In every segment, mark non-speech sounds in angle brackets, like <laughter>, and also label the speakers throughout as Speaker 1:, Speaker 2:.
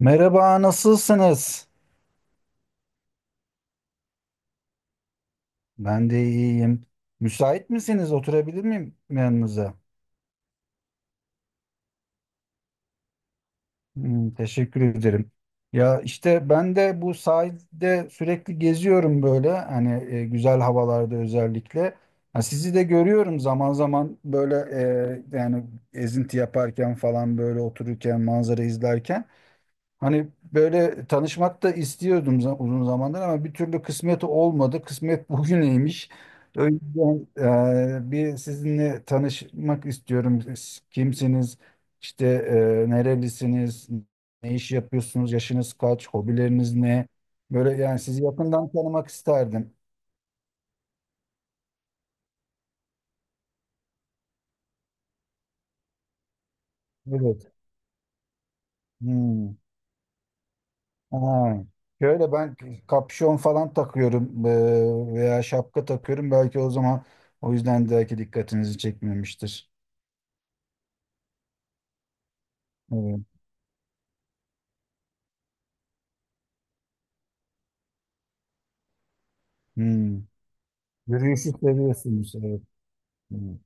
Speaker 1: Merhaba, nasılsınız? Ben de iyiyim. Müsait misiniz? Oturabilir miyim yanınıza? Teşekkür ederim. Ya işte ben de bu sahilde sürekli geziyorum böyle hani güzel havalarda özellikle. Ha, sizi de görüyorum zaman zaman böyle yani ezinti yaparken falan böyle otururken manzara izlerken. Hani böyle tanışmak da istiyordum uzun zamandır ama bir türlü kısmet olmadı. Kısmet <laughs> bugüneymiş. O yüzden bir sizinle tanışmak istiyorum. Siz kimsiniz? İşte nerelisiniz? Ne iş yapıyorsunuz? Yaşınız kaç? Hobileriniz ne? Böyle yani sizi yakından tanımak isterdim. Evet. Hmm. Ha. Şöyle ben kapşon falan takıyorum veya şapka takıyorum. Belki o zaman o yüzden belki dikkatinizi çekmemiştir. Evet. Hmm. Yürüyüşü seviyorsunuz. Evet. Hmm.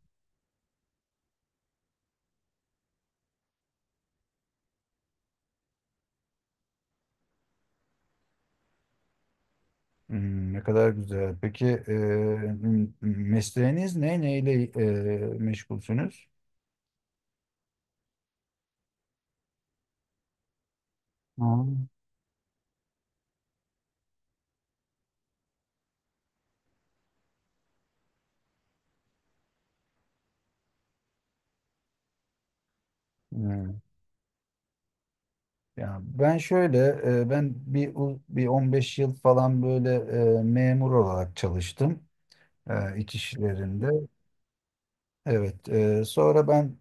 Speaker 1: Ne kadar güzel. Peki mesleğiniz ne? Neyle meşgulsünüz? Ha. Hmm. Ya ben şöyle ben bir 15 yıl falan böyle memur olarak çalıştım iç işlerinde. Evet, sonra ben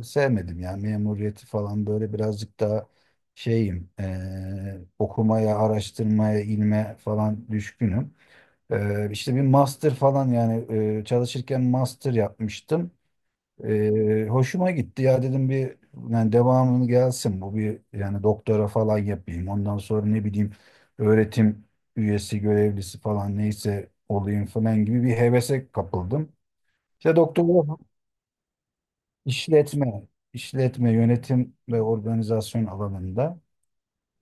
Speaker 1: sevmedim ya memuriyeti falan böyle birazcık daha şeyim okumaya, araştırmaya, ilme falan düşkünüm. İşte bir master falan yani çalışırken master yapmıştım. Hoşuma gitti ya dedim bir yani devamını gelsin bu bir yani doktora falan yapayım. Ondan sonra ne bileyim öğretim üyesi, görevlisi falan neyse olayım falan gibi bir hevese kapıldım. İşte doktora, İşletme, işletme, yönetim ve organizasyon alanında.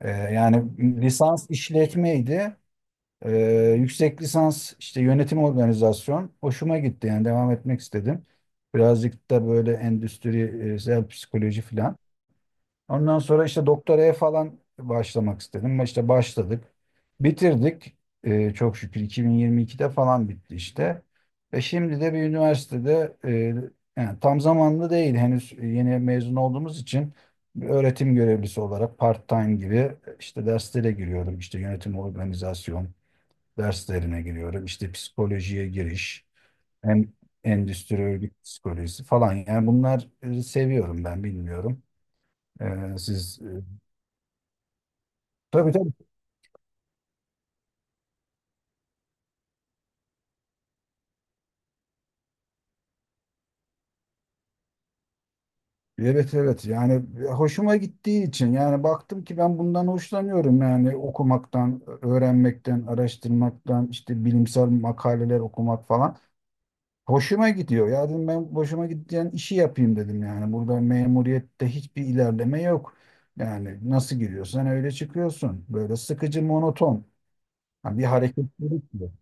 Speaker 1: Yani lisans işletmeydi. Yüksek lisans işte yönetim organizasyon. Hoşuma gitti yani devam etmek istedim. Birazcık da böyle endüstriyel psikoloji falan. Ondan sonra işte doktoraya falan başlamak istedim. İşte başladık. Bitirdik. Çok şükür 2022'de falan bitti işte. Ve şimdi de bir üniversitede yani tam zamanlı değil henüz yeni mezun olduğumuz için bir öğretim görevlisi olarak part-time gibi işte derslere giriyorum. İşte yönetim organizasyon derslerine giriyorum. İşte psikolojiye giriş, hem endüstri örgüt psikolojisi falan. Yani bunlar seviyorum ben bilmiyorum. Siz. Tabii tabii. Evet evet yani hoşuma gittiği için yani baktım ki ben bundan hoşlanıyorum yani okumaktan, öğrenmekten, araştırmaktan, işte bilimsel makaleler okumak falan. Hoşuma gidiyor. Ya dedim ben hoşuma giden işi yapayım dedim yani. Burada memuriyette hiçbir ilerleme yok. Yani nasıl giriyorsan öyle çıkıyorsun. Böyle sıkıcı, monoton. Yani bir hareketlilik yok.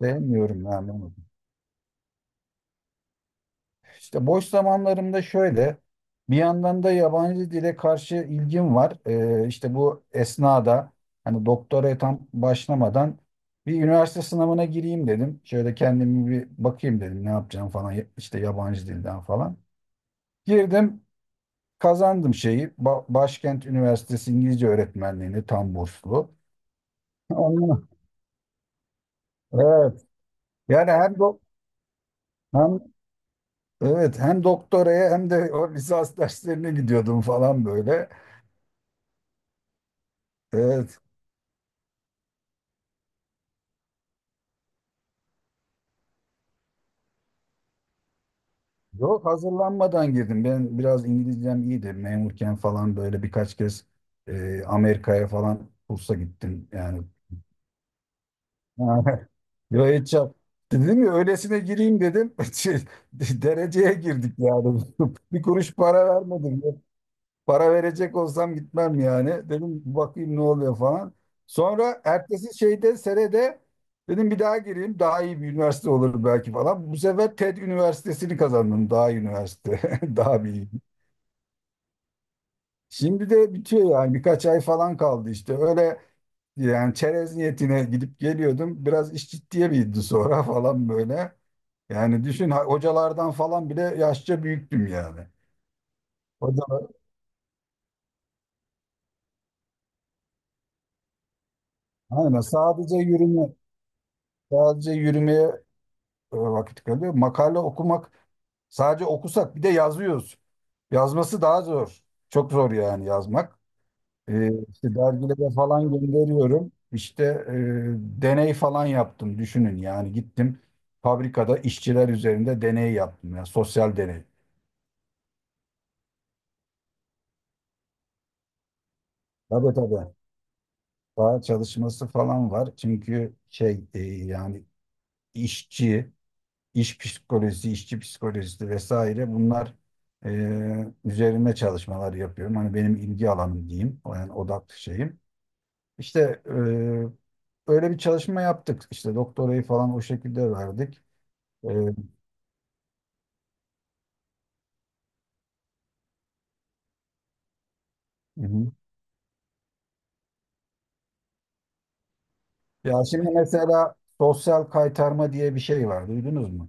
Speaker 1: Sevmiyorum yani onu. İşte boş zamanlarımda şöyle, bir yandan da yabancı dile karşı ilgim var. İşte bu esnada hani doktoraya tam başlamadan bir üniversite sınavına gireyim dedim. Şöyle kendimi bir bakayım dedim ne yapacağım falan işte yabancı dilden falan. Girdim kazandım şeyi Başkent Üniversitesi İngilizce öğretmenliğini tam burslu. <laughs> Ondan- Evet. Yani hem evet hem doktoraya hem de o lisans derslerine gidiyordum falan böyle. Evet. Yok hazırlanmadan girdim. Ben biraz İngilizcem iyiydi. Memurken falan böyle birkaç kez Amerika'ya falan kursa gittim. Yani <laughs> Yo, hiç yap. Dedim ya öylesine gireyim dedim. <laughs> Dereceye girdik yani. <laughs> Bir kuruş para vermedim. Para verecek olsam gitmem yani. Dedim bakayım ne oluyor falan. Sonra ertesi şeyde senede dedim bir daha gireyim. Daha iyi bir üniversite olur belki falan. Bu sefer TED Üniversitesi'ni kazandım. Daha iyi üniversite. <laughs> Daha bir iyi. Şimdi de bitiyor yani. Birkaç ay falan kaldı işte. Öyle yani çerez niyetine gidip geliyordum. Biraz iş ciddiye bindi sonra <laughs> falan böyle. Yani düşün hocalardan falan bile yaşça büyüktüm yani. Hocalar, aynen sadece yürümeye vakit kalıyor. Makale okumak sadece okusak bir de yazıyoruz. Yazması daha zor. Çok zor yani yazmak. İşte dergilere falan gönderiyorum. İşte deney falan yaptım. Düşünün yani gittim fabrikada işçiler üzerinde deney yaptım. Yani sosyal deney. Tabii tabii. Daha çalışması falan var. Çünkü yani işçi iş psikolojisi, işçi psikolojisi vesaire bunlar üzerine çalışmalar yapıyorum. Hani benim ilgi alanım diyeyim, o yani odak şeyim. İşte e, öyle bir çalışma yaptık. İşte doktorayı falan o şekilde verdik. Hı hı. Ya şimdi mesela sosyal kaytarma diye bir şey var, duydunuz mu?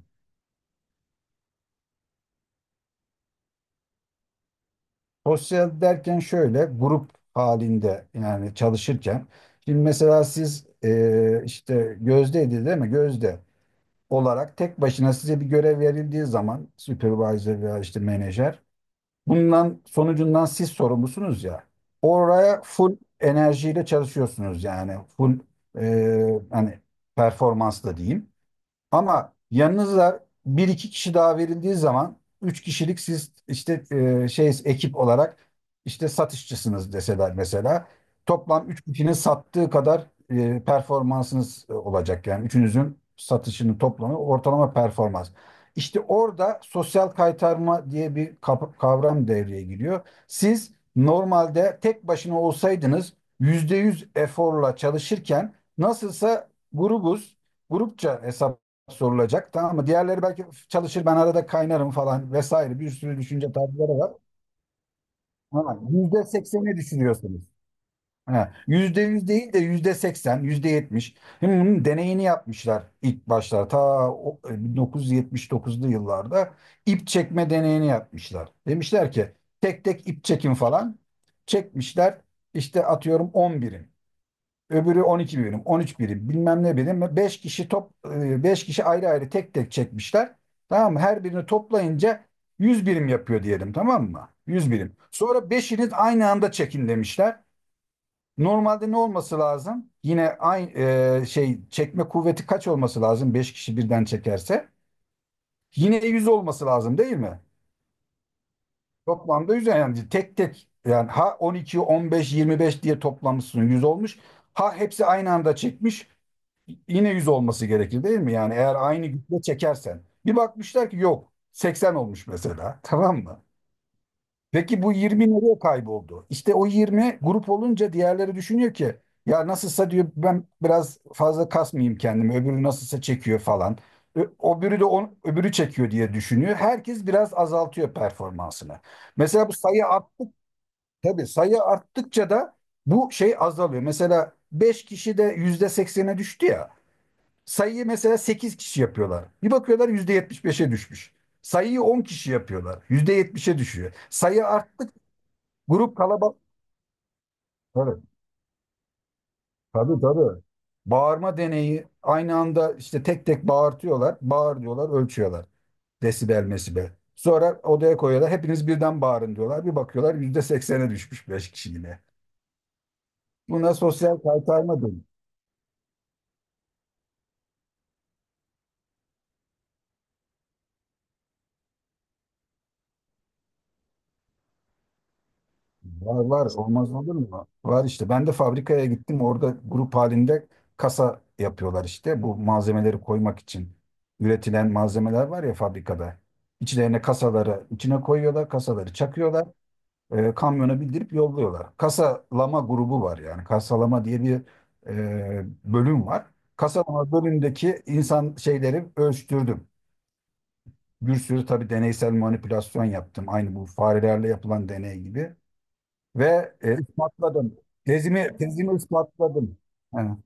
Speaker 1: Sosyal derken şöyle, grup halinde yani çalışırken. Şimdi mesela siz işte Gözde'ydi değil mi? Gözde. Olarak tek başına size bir görev verildiği zaman supervisor veya işte menajer bundan sonucundan siz sorumlusunuz ya oraya full enerjiyle çalışıyorsunuz yani full hani performansla diyeyim. Ama yanınıza bir iki kişi daha verildiği zaman üç kişilik siz işte ekip olarak işte satışçısınız deseler mesela toplam üç kişinin sattığı kadar performansınız olacak yani üçünüzün satışının toplamı ortalama performans. İşte orada sosyal kaytarma diye bir kavram devreye giriyor. Siz normalde tek başına olsaydınız %100 eforla çalışırken nasılsa grubuz, grupça hesap sorulacak tamam mı? Diğerleri belki çalışır ben arada kaynarım falan vesaire bir sürü düşünce tarzları var. Ama %80'i düşünüyorsunuz. Ha, %100 değil de %80, yüzde yetmiş. Şimdi bunun deneyini yapmışlar ilk başlar. Ta 1979'lu yıllarda ip çekme deneyini yapmışlar. Demişler ki tek tek ip çekin falan. Çekmişler işte atıyorum 10 birim. Öbürü 12 birim, 13 birim, bilmem ne birim. Beş kişi ayrı ayrı tek tek çekmişler. Tamam mı? Her birini toplayınca 100 birim yapıyor diyelim tamam mı? 100 birim. Sonra beşiniz aynı anda çekin demişler. Normalde ne olması lazım? Yine aynı çekme kuvveti kaç olması lazım? 5 kişi birden çekerse. Yine 100 olması lazım değil mi? Toplamda 100 yani tek tek yani ha 12, 15, 25 diye toplamışsın 100 olmuş. Ha hepsi aynı anda çekmiş. Yine 100 olması gerekir değil mi? Yani eğer aynı güçle çekersen. Bir bakmışlar ki yok 80 olmuş mesela <laughs> tamam mı? Peki bu 20 nereye kayboldu? İşte o 20 grup olunca diğerleri düşünüyor ki ya nasılsa diyor ben biraz fazla kasmayayım kendimi öbürü nasılsa çekiyor falan. Öbürü de on, öbürü çekiyor diye düşünüyor. Herkes biraz azaltıyor performansını. Mesela bu sayı arttık tabii sayı arttıkça da bu şey azalıyor. Mesela 5 kişi de %80'e düştü ya. Sayıyı mesela 8 kişi yapıyorlar. Bir bakıyorlar %75'e düşmüş. Sayıyı 10 kişi yapıyorlar. %70'e düşüyor. Sayı arttık grup kalabalık. Tabii, tabii tabii. Bağırma deneyi aynı anda işte tek tek bağırtıyorlar. Bağır diyorlar ölçüyorlar. Desibel mesibel. Sonra odaya koyuyorlar. Hepiniz birden bağırın diyorlar. Bir bakıyorlar %80'e düşmüş 5 kişi yine. Buna sosyal kaytarma deniyor. Var var olmaz olur mu? Var işte ben de fabrikaya gittim orada grup halinde kasa yapıyorlar işte bu malzemeleri koymak için üretilen malzemeler var ya fabrikada. İçlerine kasaları içine koyuyorlar kasaları çakıyorlar kamyona bildirip yolluyorlar. Kasalama grubu var yani kasalama diye bir bölüm var. Kasalama bölümündeki insan şeyleri ölçtürdüm. Bir sürü tabii deneysel manipülasyon yaptım. Aynı bu farelerle yapılan deney gibi. Ve ispatladım. Tezimi, tezimi ispatladım. Ha,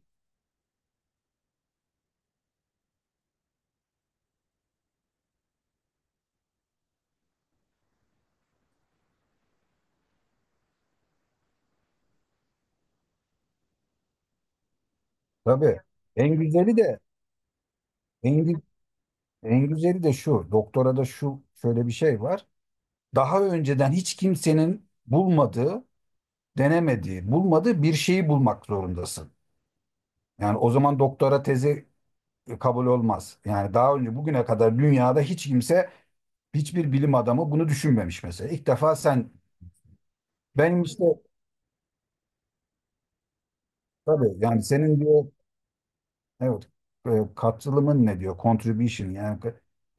Speaker 1: tabii. En güzeli de en, gü- şu. Doktorada şu şöyle bir şey var. Daha önceden hiç kimsenin bulmadığı, denemediği, bulmadığı bir şeyi bulmak zorundasın. Yani o zaman doktora tezi kabul olmaz. Yani daha önce bugüne kadar dünyada hiç kimse, hiçbir bilim adamı bunu düşünmemiş mesela. İlk defa sen benim işte tabii yani senin diyor. Evet. E, Katılımın ne diyor? Contribution yani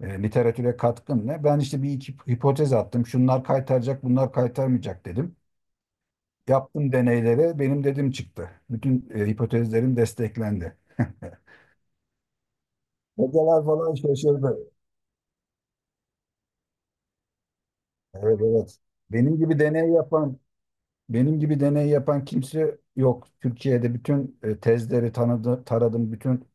Speaker 1: literatüre katkın ne? Ben işte bir iki hipotez attım. Şunlar kaytaracak, bunlar kaytarmayacak dedim. Yaptım deneylere benim dedim çıktı. Bütün hipotezlerim desteklendi. <laughs> Hocalar falan şaşırdı. Evet evet. Benim gibi deney yapan benim gibi deney yapan kimse yok. Türkiye'de bütün tezleri tanıdı, taradım, bütün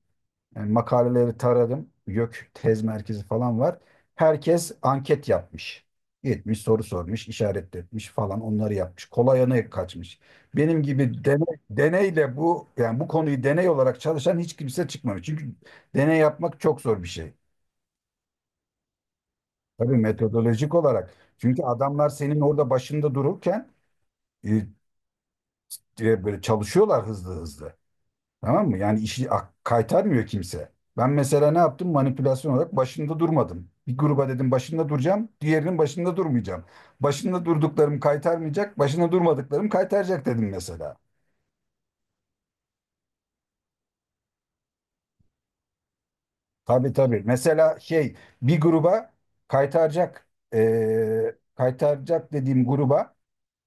Speaker 1: Yani makaleleri taradım. YÖK tez merkezi falan var. Herkes anket yapmış. Gitmiş soru sormuş, işaret etmiş falan onları yapmış. Kolay yana kaçmış. Benim gibi deneyle bu yani bu konuyu deney olarak çalışan hiç kimse çıkmamış. Çünkü deney yapmak çok zor bir şey. Tabii metodolojik olarak. Çünkü adamlar senin orada başında dururken e, böyle çalışıyorlar hızlı hızlı. Tamam mı? Yani işi kaytarmıyor kimse. Ben mesela ne yaptım? Manipülasyon olarak başında durmadım. Bir gruba dedim başında duracağım, diğerinin başında durmayacağım. Başında durduklarım kaytarmayacak, başında durmadıklarım kaytaracak dedim mesela. Tabii tabii. Mesela şey bir gruba kaytaracak, kaytaracak dediğim gruba.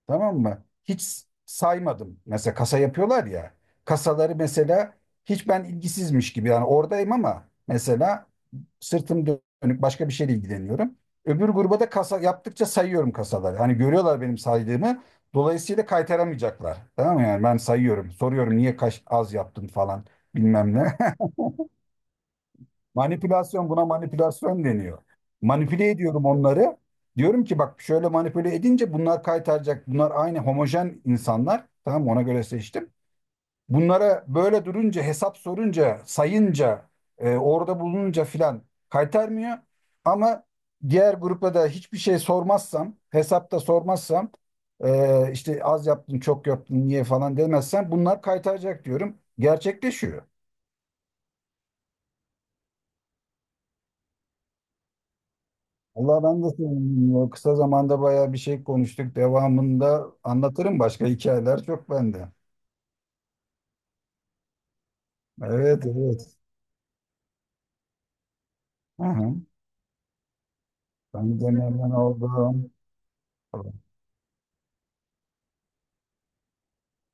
Speaker 1: Tamam mı? Hiç saymadım. Mesela kasa yapıyorlar ya. Kasaları mesela hiç ben ilgisizmiş gibi yani oradayım ama mesela sırtım dönük başka bir şeyle ilgileniyorum. Öbür gruba da kasa yaptıkça sayıyorum kasaları. Hani görüyorlar benim saydığımı. Dolayısıyla kaytaramayacaklar. Tamam mı? Yani ben sayıyorum. Soruyorum niye kaç az yaptın falan bilmem ne. <laughs> Manipülasyon buna manipülasyon deniyor. Manipüle ediyorum onları. Diyorum ki bak şöyle manipüle edince bunlar kaytaracak. Bunlar aynı homojen insanlar. Tamam mı? Ona göre seçtim. Bunlara böyle durunca hesap sorunca sayınca orada bulununca filan kaytarmıyor. Ama diğer grupla da hiçbir şey sormazsam hesapta sormazsam işte az yaptın çok yaptın niye falan demezsem bunlar kaytaracak diyorum. Gerçekleşiyor. Vallahi ben de sevindim ya. Kısa zamanda bayağı bir şey konuştuk. Devamında anlatırım başka hikayeler çok bende. Evet evet. Hı hı. Ben de memnun oldum.